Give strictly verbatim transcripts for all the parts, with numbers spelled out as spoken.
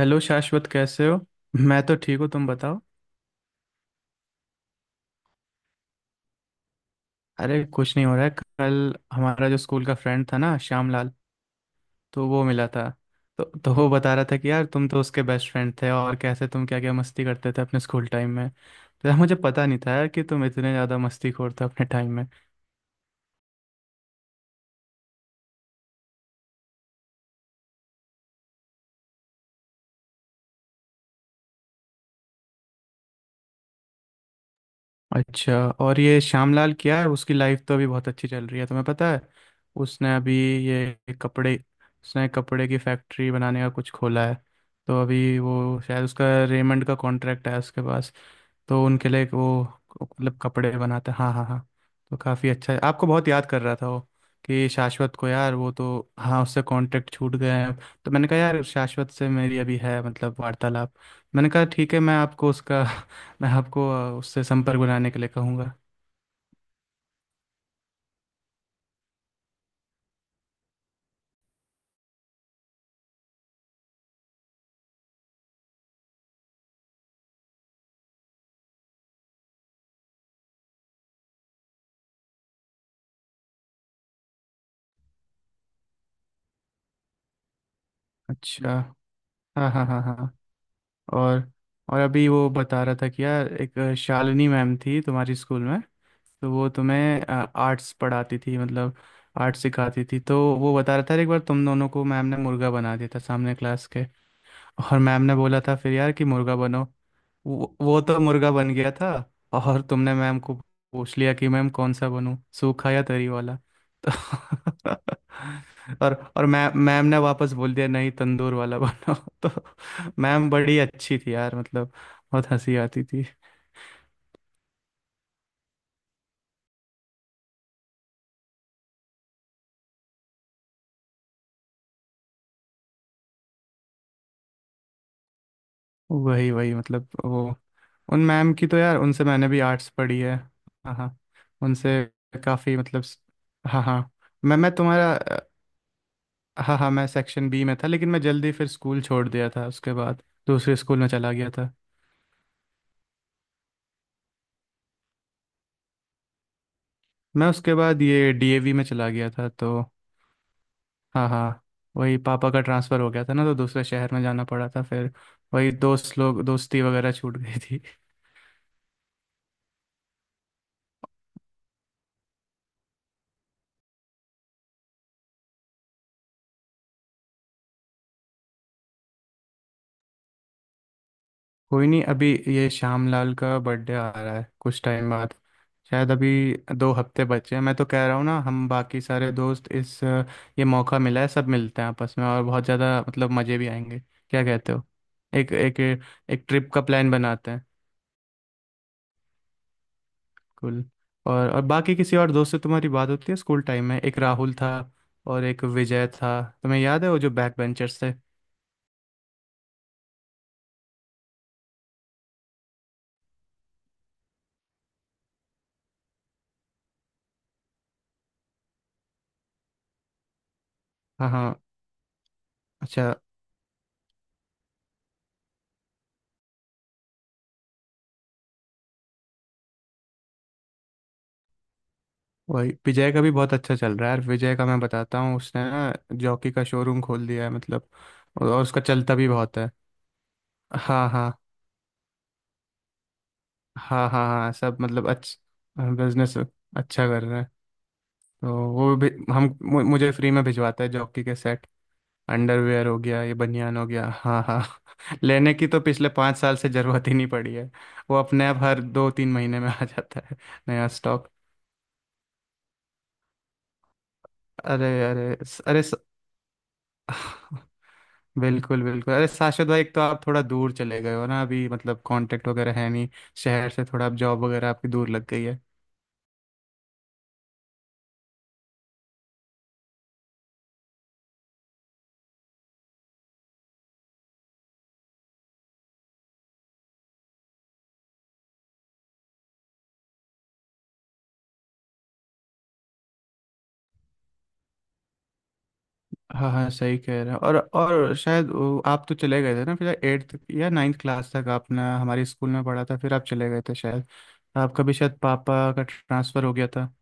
Hello Shashwat, कैसे हो? मैं तो ठीक हूँ, तुम बताओ। अरे कुछ नहीं हो रहा है। कल हमारा जो स्कूल का फ्रेंड था ना, श्यामलाल, तो वो मिला था। तो तो वो बता रहा था कि यार तुम तो उसके बेस्ट फ्रेंड थे, और कैसे तुम क्या क्या मस्ती करते थे अपने स्कूल टाइम में। तो यार मुझे पता नहीं था यार, कि तुम इतने ज़्यादा मस्ती खोर थे अपने टाइम में। अच्छा। और ये श्यामलाल क्या है, उसकी लाइफ तो अभी बहुत अच्छी चल रही है, तुम्हें पता है? उसने अभी ये कपड़े उसने कपड़े की फैक्ट्री बनाने का कुछ खोला है। तो अभी वो शायद उसका रेमंड का कॉन्ट्रैक्ट है उसके पास। तो उनके लिए वो, मतलब कपड़े बनाता है। हाँ हाँ हाँ। तो काफ़ी अच्छा है, आपको बहुत याद कर रहा था वो। कि शाश्वत को, यार वो तो हाँ, उससे कॉन्ट्रैक्ट छूट गए हैं। तो मैंने कहा यार शाश्वत से मेरी अभी है मतलब वार्तालाप। मैंने कहा ठीक है, मैं आपको उसका मैं आपको अ, उससे संपर्क बनाने के लिए कहूँगा। अच्छा। हाँ हाँ हाँ हाँ। और और अभी वो बता रहा था कि यार, एक अ, शालिनी मैम थी तुम्हारी स्कूल में। तो वो तुम्हें आर्ट्स पढ़ाती थी, मतलब आर्ट्स सिखाती थी। तो वो बता रहा था एक बार तुम दोनों को मैम ने मुर्गा बना दिया था सामने क्लास के। और मैम ने बोला था फिर यार कि मुर्गा बनो। वो, वो तो मुर्गा बन गया था। और तुमने मैम को पूछ लिया कि मैम कौन सा बनूं, सूखा या तरी वाला? तो और और मैम मैम ने वापस बोल दिया, नहीं तंदूर वाला बनो तो मैम बड़ी अच्छी थी यार, मतलब बहुत हंसी आती थी। वही वही मतलब वो, उन मैम की तो यार, उनसे मैंने भी आर्ट्स पढ़ी है। हाँ हाँ उनसे काफ़ी मतलब स- हाँ हाँ। मैं मैं तुम्हारा, हाँ हाँ, मैं सेक्शन बी में था, लेकिन मैं जल्दी फिर स्कूल छोड़ दिया था, उसके बाद दूसरे स्कूल में चला गया था। मैं उसके बाद ये डी ए वी में चला गया था, तो हाँ हाँ। वही पापा का ट्रांसफ़र हो गया था ना, तो दूसरे शहर में जाना पड़ा था फिर। वही दोस्त लोग, दोस्ती वगैरह छूट गई। कोई नहीं, अभी ये श्यामलाल का बर्थडे आ रहा है कुछ टाइम बाद। शायद अभी दो हफ्ते बचे हैं, मैं तो कह रहा हूँ ना, हम बाकी सारे दोस्त इस अ, ये मौका मिला है, सब मिलते हैं आपस में, और बहुत ज़्यादा मतलब मज़े भी आएंगे। क्या कहते हो, एक एक एक ट्रिप का प्लान बनाते हैं। कुल, और और बाकी किसी और दोस्त से तुम्हारी बात होती है स्कूल टाइम में? एक राहुल था, और एक विजय था, तुम्हें याद है वो जो बैक बेंचर्स थे? हाँ हाँ। अच्छा। वही विजय का भी बहुत अच्छा चल रहा है यार, विजय का मैं बताता हूँ, उसने ना जॉकी का शोरूम खोल दिया है मतलब। और उसका चलता भी बहुत है। हाँ हाँ हाँ हाँ हाँ, सब मतलब अच्छा बिजनेस अच्छा कर रहे हैं। तो वो भी हम मु- मुझे फ्री में भिजवाता है जॉकी के सेट। अंडरवेयर हो गया, ये बनियान हो गया। हाँ हाँ। लेने की तो पिछले पाँच साल से ज़रूरत ही नहीं पड़ी है। वो अपने आप हर दो तीन महीने में आ जाता है, नया स्टॉक। अरे अरे स- अरे स- बिल्कुल बिल्कुल। अरे शाश्वत भाई, एक तो आप थोड़ा दूर चले गए हो ना अभी, मतलब कांटेक्ट वगैरह है नहीं। शहर से थोड़ा आप, जॉब वगैरह आपकी दूर लग गई है। हाँ हाँ सही कह रहे हैं। और और शायद वो, आप तो चले गए थे ना फिर एट्थ या नाइन्थ क्लास तक आपने हमारे स्कूल में पढ़ा था, फिर आप चले गए थे शायद। आपका भी शायद पापा का ट्रांसफ़र हो गया था।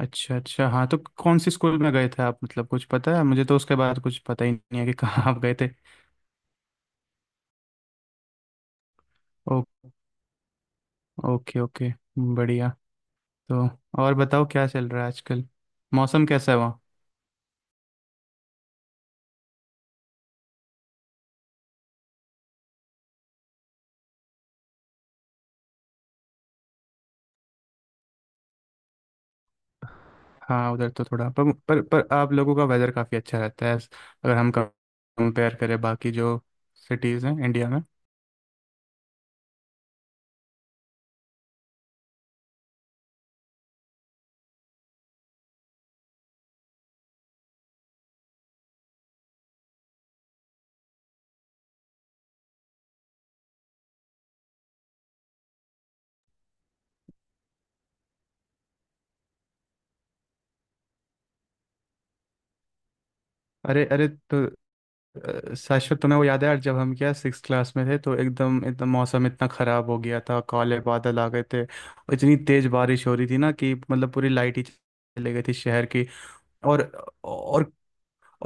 अच्छा अच्छा, हाँ तो कौन से स्कूल में गए थे आप, मतलब कुछ पता है? मुझे तो उसके बाद कुछ पता ही नहीं है कि कहाँ आप गए थे। ओ, ओके ओके। बढ़िया। तो और बताओ, क्या चल रहा है आजकल, मौसम कैसा है? हाँ उधर तो थोड़ा पर पर पर आप लोगों का वेदर काफ़ी अच्छा रहता है, अगर हम कंपेयर करें बाकी जो सिटीज़ हैं इंडिया में। अरे अरे। तो अ, शाश्वत तुम्हें वो याद है यार, जब हम क्या सिक्स क्लास में थे, तो एकदम एकदम मौसम इतना ख़राब हो गया था, काले बादल आ गए थे और इतनी तेज़ बारिश हो रही थी ना, कि मतलब पूरी लाइट ही चली गई थी शहर की। और और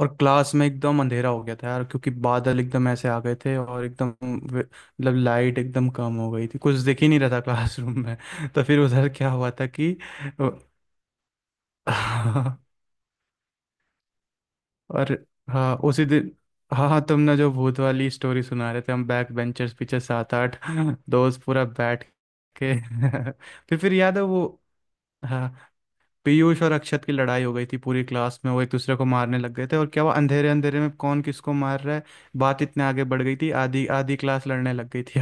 और क्लास में एकदम अंधेरा हो गया था यार, क्योंकि बादल एकदम ऐसे आ गए थे और एकदम वे- मतलब लाइट एकदम कम हो गई थी, कुछ दिख ही नहीं रहा था क्लासरूम में तो फिर उधर क्या हुआ था कि और हाँ उसी दिन, हाँ हाँ तुमने जो भूत वाली स्टोरी सुना रहे थे, हम बैक बेंचर्स पीछे सात आठ दोस्त पूरा बैठ के फिर फिर याद है वो, हाँ, पीयूष और अक्षत की लड़ाई हो गई थी पूरी क्लास में, वो एक दूसरे को मारने लग गए थे, और क्या वो अंधेरे अंधेरे में कौन किसको मार रहा है। बात इतने आगे बढ़ गई थी, आधी आधी क्लास लड़ने लग गई थी।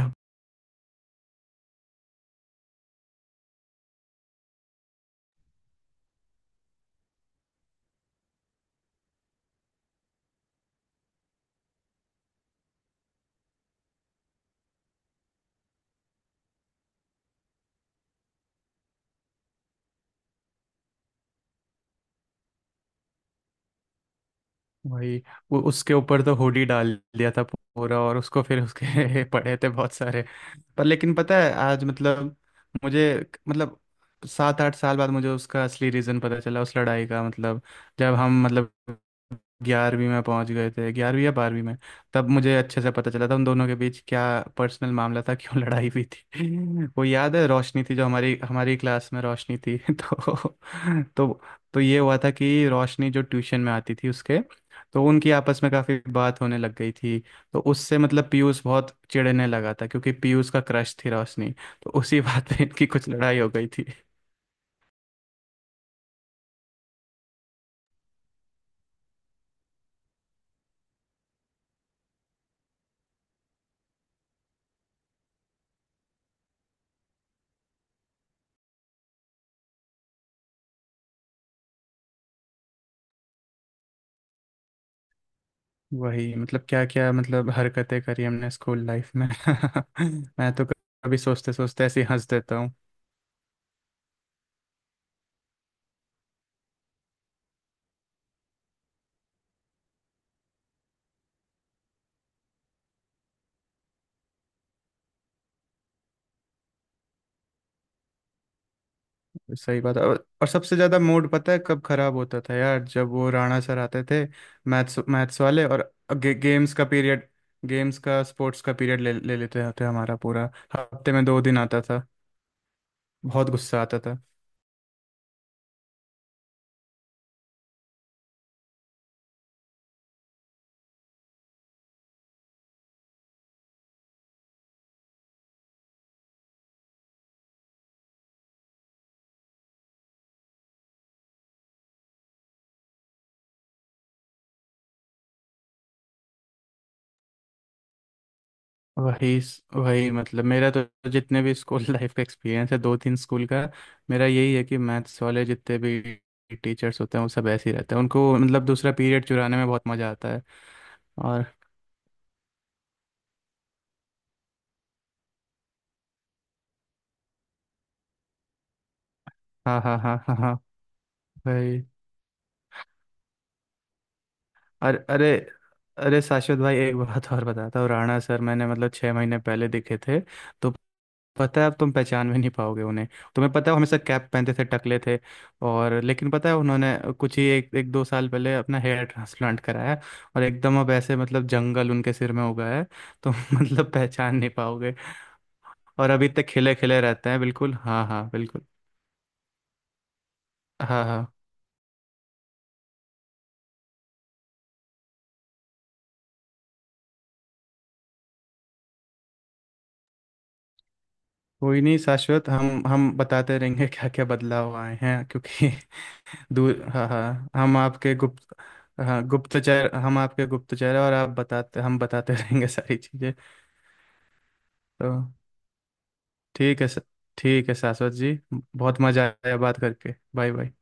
वही वो उसके ऊपर तो हुडी डाल दिया था पूरा, और उसको फिर उसके पड़े थे बहुत सारे। पर लेकिन पता है आज मतलब मुझे, मतलब सात आठ साल बाद मुझे उसका असली रीज़न पता चला उस लड़ाई का, मतलब जब हम मतलब ग्यारहवीं में पहुंच गए थे, ग्यारहवीं या बारहवीं में, तब मुझे अच्छे से पता चला था उन दोनों के बीच क्या पर्सनल मामला था क्यों लड़ाई हुई थी वो याद है रोशनी थी, जो हमारी हमारी क्लास में रोशनी थी तो तो तो ये हुआ था कि रोशनी जो ट्यूशन में आती थी उसके, तो उनकी आपस में काफ़ी बात होने लग गई थी। तो उससे मतलब पीयूष बहुत चिढ़ने लगा था, क्योंकि पीयूष का क्रश थी रोशनी। तो उसी बात पे इनकी कुछ लड़ाई हो गई थी। वही मतलब क्या क्या, मतलब हरकतें करी हमने स्कूल लाइफ में मैं तो कभी सोचते सोचते ऐसे ही हंस देता हूँ। सही बात है। और, और सबसे ज़्यादा मूड पता है कब खराब होता था यार, जब वो राणा सर आते थे। मैथ्स मैथ्स वाले, और गे, गेम्स का पीरियड, गेम्स का स्पोर्ट्स का पीरियड ले ले लेते थे हमारा पूरा। हफ्ते में दो दिन आता था, बहुत गुस्सा आता था। वही वही मतलब मेरा तो, जितने भी स्कूल लाइफ का एक्सपीरियंस है दो तीन स्कूल का, मेरा यही है कि मैथ्स वाले जितने भी टीचर्स होते हैं, वो सब ऐसे ही रहते हैं, उनको मतलब दूसरा पीरियड चुराने में बहुत मज़ा आता है। और हाँ हाँ हाँ हाँ हाँ भाई, अरे अरे। अरे शाश्वत भाई, एक बात और बताता हूँ, राणा सर मैंने मतलब छः महीने पहले दिखे थे। तो पता है अब तुम पहचान भी नहीं पाओगे उन्हें। तुम्हें पता है वो हमेशा कैप पहनते थे, टकले थे, और लेकिन पता है उन्होंने कुछ ही एक एक दो साल पहले अपना हेयर ट्रांसप्लांट कराया, और एकदम अब ऐसे मतलब जंगल उनके सिर में उगा है। तो मतलब पहचान नहीं पाओगे। और अभी तक खिले खिले रहते हैं बिल्कुल, हाँ हाँ बिल्कुल। हाँ हाँ। कोई नहीं शाश्वत, हम हम बताते रहेंगे क्या क्या बदलाव आए हैं क्योंकि दूर। हाँ हाँ हम आपके गुप्त, हाँ गुप्तचर, हम आपके गुप्तचर हैं, और आप बताते हम बताते रहेंगे सारी चीज़ें। तो ठीक है सर। ठीक है शाश्वत जी, बहुत मज़ा आया बात करके, बाय बाय।